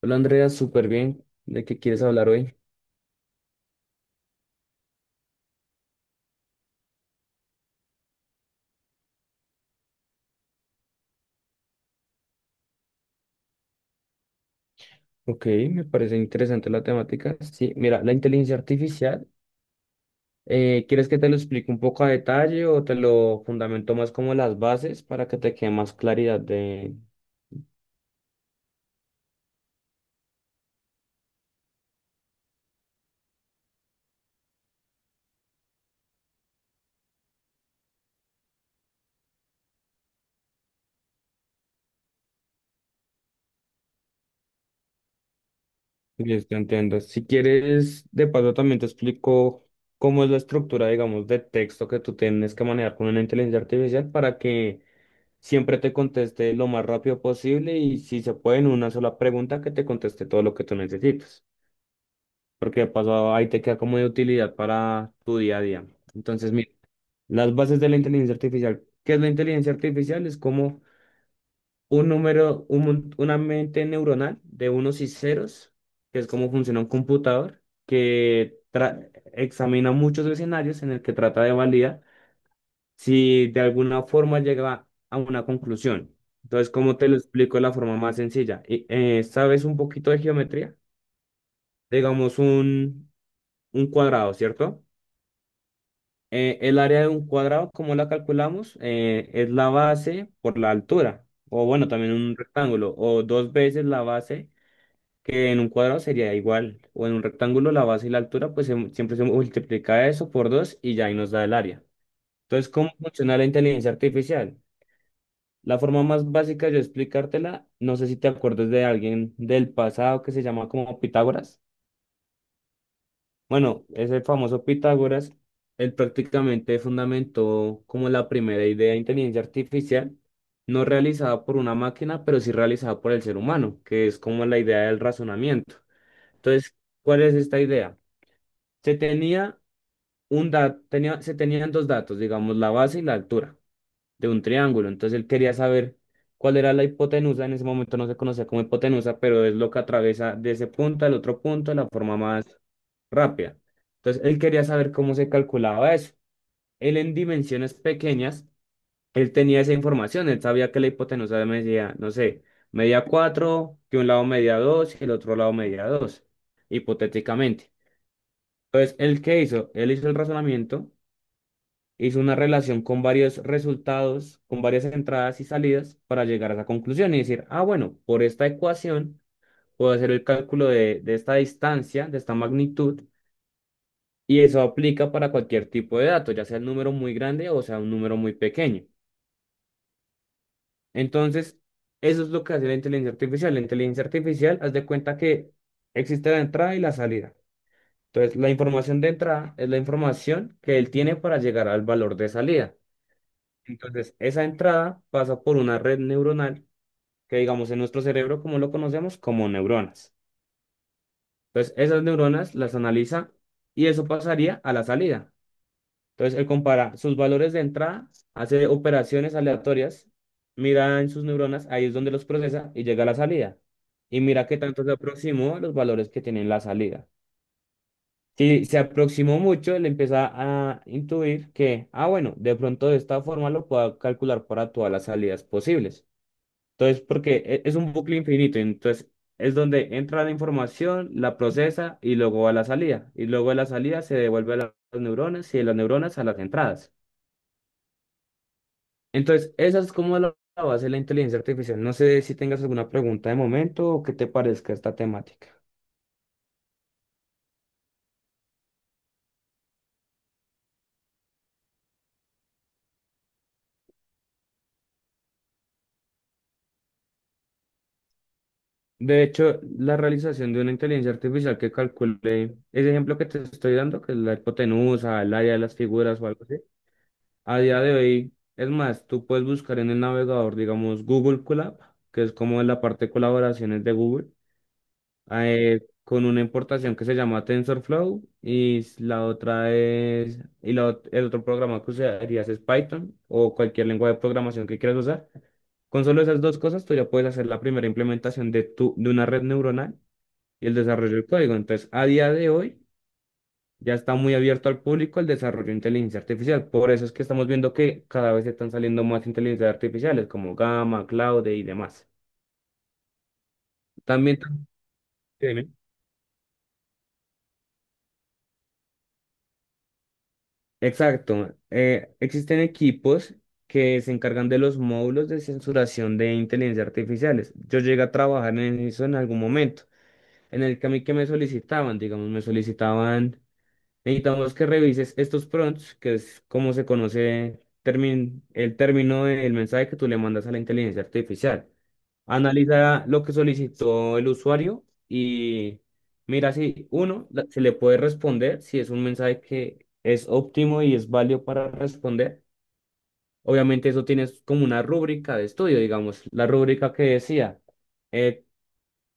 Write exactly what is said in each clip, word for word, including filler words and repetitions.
Hola Andrea, súper bien. ¿De qué quieres hablar hoy? Ok, me parece interesante la temática. Sí, mira, la inteligencia artificial, eh, ¿quieres que te lo explique un poco a detalle o te lo fundamento más como las bases para que te quede más claridad de de esto entiendo? Si quieres, de paso también te explico cómo es la estructura, digamos, de texto que tú tienes que manejar con una inteligencia artificial para que siempre te conteste lo más rápido posible y si se puede en una sola pregunta que te conteste todo lo que tú necesitas. Porque de paso ahí te queda como de utilidad para tu día a día. Entonces, mira, las bases de la inteligencia artificial. ¿Qué es la inteligencia artificial? Es como un número, un mon- una mente neuronal de unos y ceros, que es como funciona un computador, que tra- examina muchos escenarios en el que trata de validar si de alguna forma llega a una conclusión. Entonces, ¿cómo te lo explico de la forma más sencilla? Y, eh, ¿sabes un poquito de geometría? Digamos un, un cuadrado, ¿cierto? Eh, el área de un cuadrado, ¿cómo la calculamos? Eh, es la base por la altura, o bueno, también un rectángulo, o dos veces la base, que en un cuadrado sería igual, o en un rectángulo la base y la altura, pues se- siempre se multiplica eso por dos y ya ahí nos da el área. Entonces, ¿cómo funciona la inteligencia artificial? La forma más básica de yo explicártela, no sé si te acuerdas de alguien del pasado que se llama como Pitágoras. Bueno, ese famoso Pitágoras, él prácticamente fundamentó como la primera idea de inteligencia artificial, no realizada por una máquina, pero sí realizada por el ser humano, que es como la idea del razonamiento. Entonces, ¿cuál es esta idea? Se tenía un da- tenía, se tenían dos datos, digamos, la base y la altura de un triángulo. Entonces, él quería saber cuál era la hipotenusa. En ese momento no se conocía como hipotenusa, pero es lo que atraviesa de ese punto al otro punto de la forma más rápida. Entonces, él quería saber cómo se calculaba eso. Él en dimensiones pequeñas, él tenía esa información, él sabía que la hipotenusa medía, no sé, medía cuatro, que un lado medía dos y el otro lado medía dos, hipotéticamente. Entonces, ¿él qué hizo? Él hizo el razonamiento, hizo una relación con varios resultados, con varias entradas y salidas para llegar a esa conclusión y decir, ah, bueno, por esta ecuación puedo hacer el cálculo de, de esta distancia, de esta magnitud. Y eso aplica para cualquier tipo de dato, ya sea un número muy grande o sea un número muy pequeño. Entonces, eso es lo que hace la inteligencia artificial. La inteligencia artificial, haz de cuenta que existe la entrada y la salida. Entonces, la información de entrada es la información que él tiene para llegar al valor de salida. Entonces, esa entrada pasa por una red neuronal que, digamos, en nuestro cerebro, como lo conocemos, como neuronas. Entonces, esas neuronas las analiza y eso pasaría a la salida. Entonces, él compara sus valores de entrada, hace operaciones aleatorias, mira en sus neuronas, ahí es donde los procesa y llega a la salida. Y mira qué tanto se aproximó a los valores que tiene en la salida. Si se aproximó mucho, él empieza a intuir que, ah, bueno, de pronto de esta forma lo puedo calcular para todas las salidas posibles. Entonces, porque e- es un bucle infinito, entonces es donde entra la información, la procesa y luego va a la salida. Y luego de la salida se devuelve a la- las neuronas y de las neuronas a las entradas. Entonces, esa es como la la base de la inteligencia artificial. No sé si tengas alguna pregunta de momento o qué te parezca esta temática. De hecho, la realización de una inteligencia artificial que calcule ese ejemplo que te estoy dando, que es la hipotenusa, el área de las figuras o algo así, a día de hoy, es más, tú puedes buscar en el navegador, digamos, Google Colab, que es como la parte de colaboraciones de Google. Ah, eh, con una importación que se llama TensorFlow y s- la otra es, y la ot- el otro programa que usarías es Python o cualquier lengua de programación que quieras usar. Con solo esas dos cosas, tú ya puedes hacer la primera implementación de, tu, de una red neuronal y el desarrollo del código. Entonces, a día de hoy, ya está muy abierto al público el desarrollo de inteligencia artificial. Por eso es que estamos viendo que cada vez están saliendo más inteligencias artificiales como Gamma, Claude y demás. También, exacto. Eh, existen equipos que se encargan de los módulos de censuración de inteligencia artificiales. Yo llegué a trabajar en eso en algún momento, en el que a mí que me solicitaban, digamos, me solicitaban. Necesitamos que revises estos prompts, que es como se conoce termin- el término del mensaje que tú le mandas a la inteligencia artificial. Analiza lo que solicitó el usuario y mira si uno la- se le puede responder, si es un mensaje que es óptimo y es válido para responder. Obviamente eso tienes como una rúbrica de estudio, digamos, la rúbrica que decía, eh,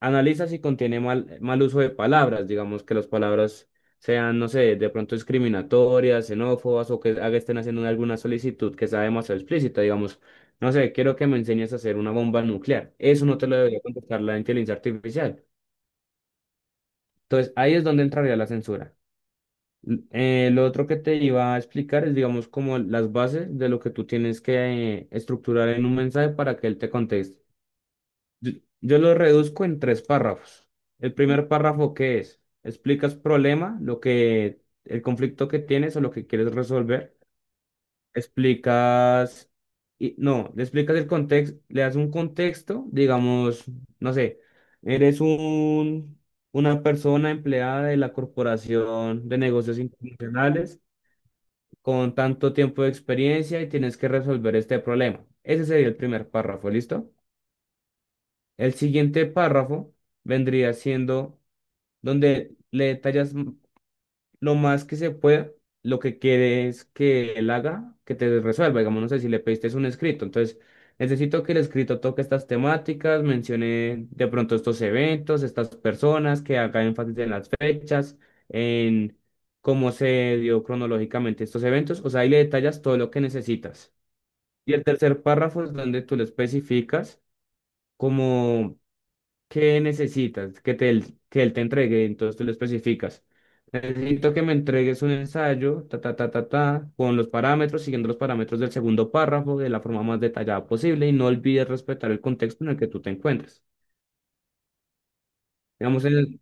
analiza si contiene mal, mal uso de palabras, digamos que las palabras sean, no sé, de pronto discriminatorias, xenófobas o que haga- estén haciendo alguna solicitud que sea demasiado explícita, digamos, no sé, quiero que me enseñes a hacer una bomba nuclear. Eso no te lo debería contestar la inteligencia artificial. Entonces, ahí es donde entraría la censura. L- eh, lo otro que te iba a explicar es, digamos, como las bases de lo que tú tienes que eh, estructurar en un mensaje para que él te conteste. Yo, yo lo reduzco en tres párrafos. El primer párrafo, ¿qué es? Explicas problema, lo que, el conflicto que tienes o lo que quieres resolver. Explicas, y, no, Le explicas el contexto, le das un contexto, digamos, no sé, eres un, una persona empleada de la Corporación de Negocios Internacionales con tanto tiempo de experiencia y tienes que resolver este problema. Ese sería el primer párrafo, ¿listo? El siguiente párrafo vendría siendo donde le detallas m- lo más que se pueda lo que quieres que él haga, que te resuelva. Digamos, no sé si le pediste es un escrito. Entonces, necesito que el escrito toque estas temáticas, mencione de pronto estos eventos, estas personas, que haga énfasis en las fechas, en cómo se dio cronológicamente estos eventos. O sea, ahí le detallas todo lo que necesitas. Y el tercer párrafo es donde tú le especificas como ¿qué necesitas? Que, te, que él te entregue, entonces tú lo especificas. Necesito que me entregues un ensayo, ta, ta, ta, ta, ta, con los parámetros, siguiendo los parámetros del segundo párrafo de la forma más detallada posible y no olvides respetar el contexto en el que tú te encuentres. Digamos, en el-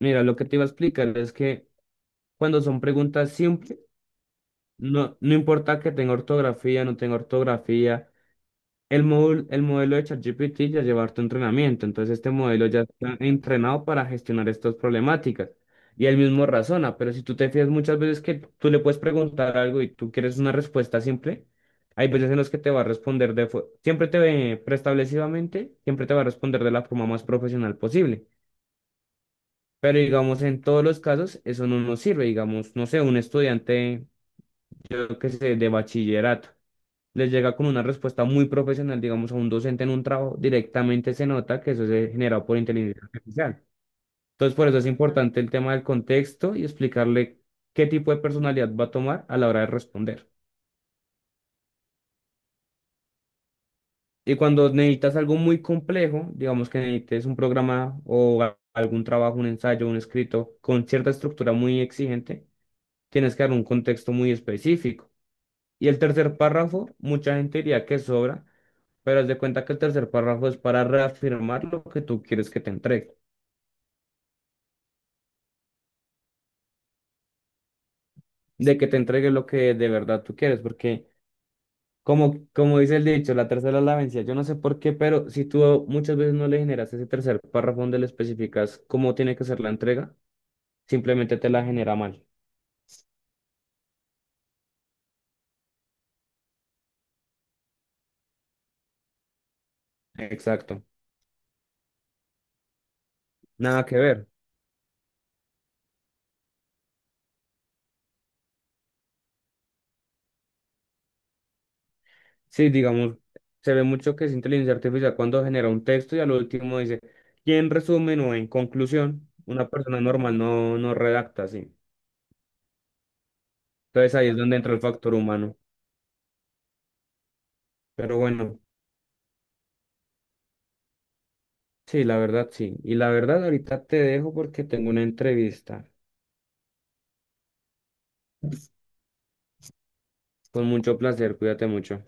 Mira, lo que te iba a explicar es que cuando son preguntas simples, no, no importa que tenga ortografía, no tenga ortografía. El módulo, el modelo de ChatGPT ya lleva harto entrenamiento, entonces este modelo ya está entrenado para gestionar estas problemáticas. Y él mismo razona, pero si tú te fías muchas veces que tú le puedes preguntar algo y tú quieres una respuesta simple, hay veces en los que te va a responder de, fo- siempre te ve preestablecidamente, siempre te va a responder de la forma más profesional posible. Pero digamos, en todos los casos, eso no nos sirve. Digamos, no sé, un estudiante, yo que sé, de bachillerato les llega con una respuesta muy profesional, digamos, a un docente en un trabajo, directamente se nota que eso se generado por inteligencia artificial. Entonces, por eso es importante el tema del contexto y explicarle qué tipo de personalidad va a tomar a la hora de responder. Y cuando necesitas algo muy complejo, digamos que necesites un programa o a- algún trabajo, un ensayo, un escrito con cierta estructura muy exigente, tienes que dar un contexto muy específico. Y el tercer párrafo, mucha gente diría que sobra. Pero haz de cuenta que el tercer párrafo es para reafirmar lo que tú quieres que te entregue, de que te entregue lo que de verdad tú quieres, porque como, como dice el dicho, la tercera es la vencida. Yo no sé por qué, pero si tú muchas veces no le generas ese tercer párrafo donde le especificas cómo tiene que ser la entrega, simplemente te la genera mal. Exacto. Nada que ver. Sí, digamos, se ve mucho que es inteligencia artificial cuando genera un texto y al último dice, y en resumen o en conclusión, una persona normal no, no redacta así. Entonces ahí es donde entra el factor humano. Pero bueno, sí, la verdad sí. Y la verdad ahorita te dejo porque tengo una entrevista. Con mucho placer, cuídate mucho.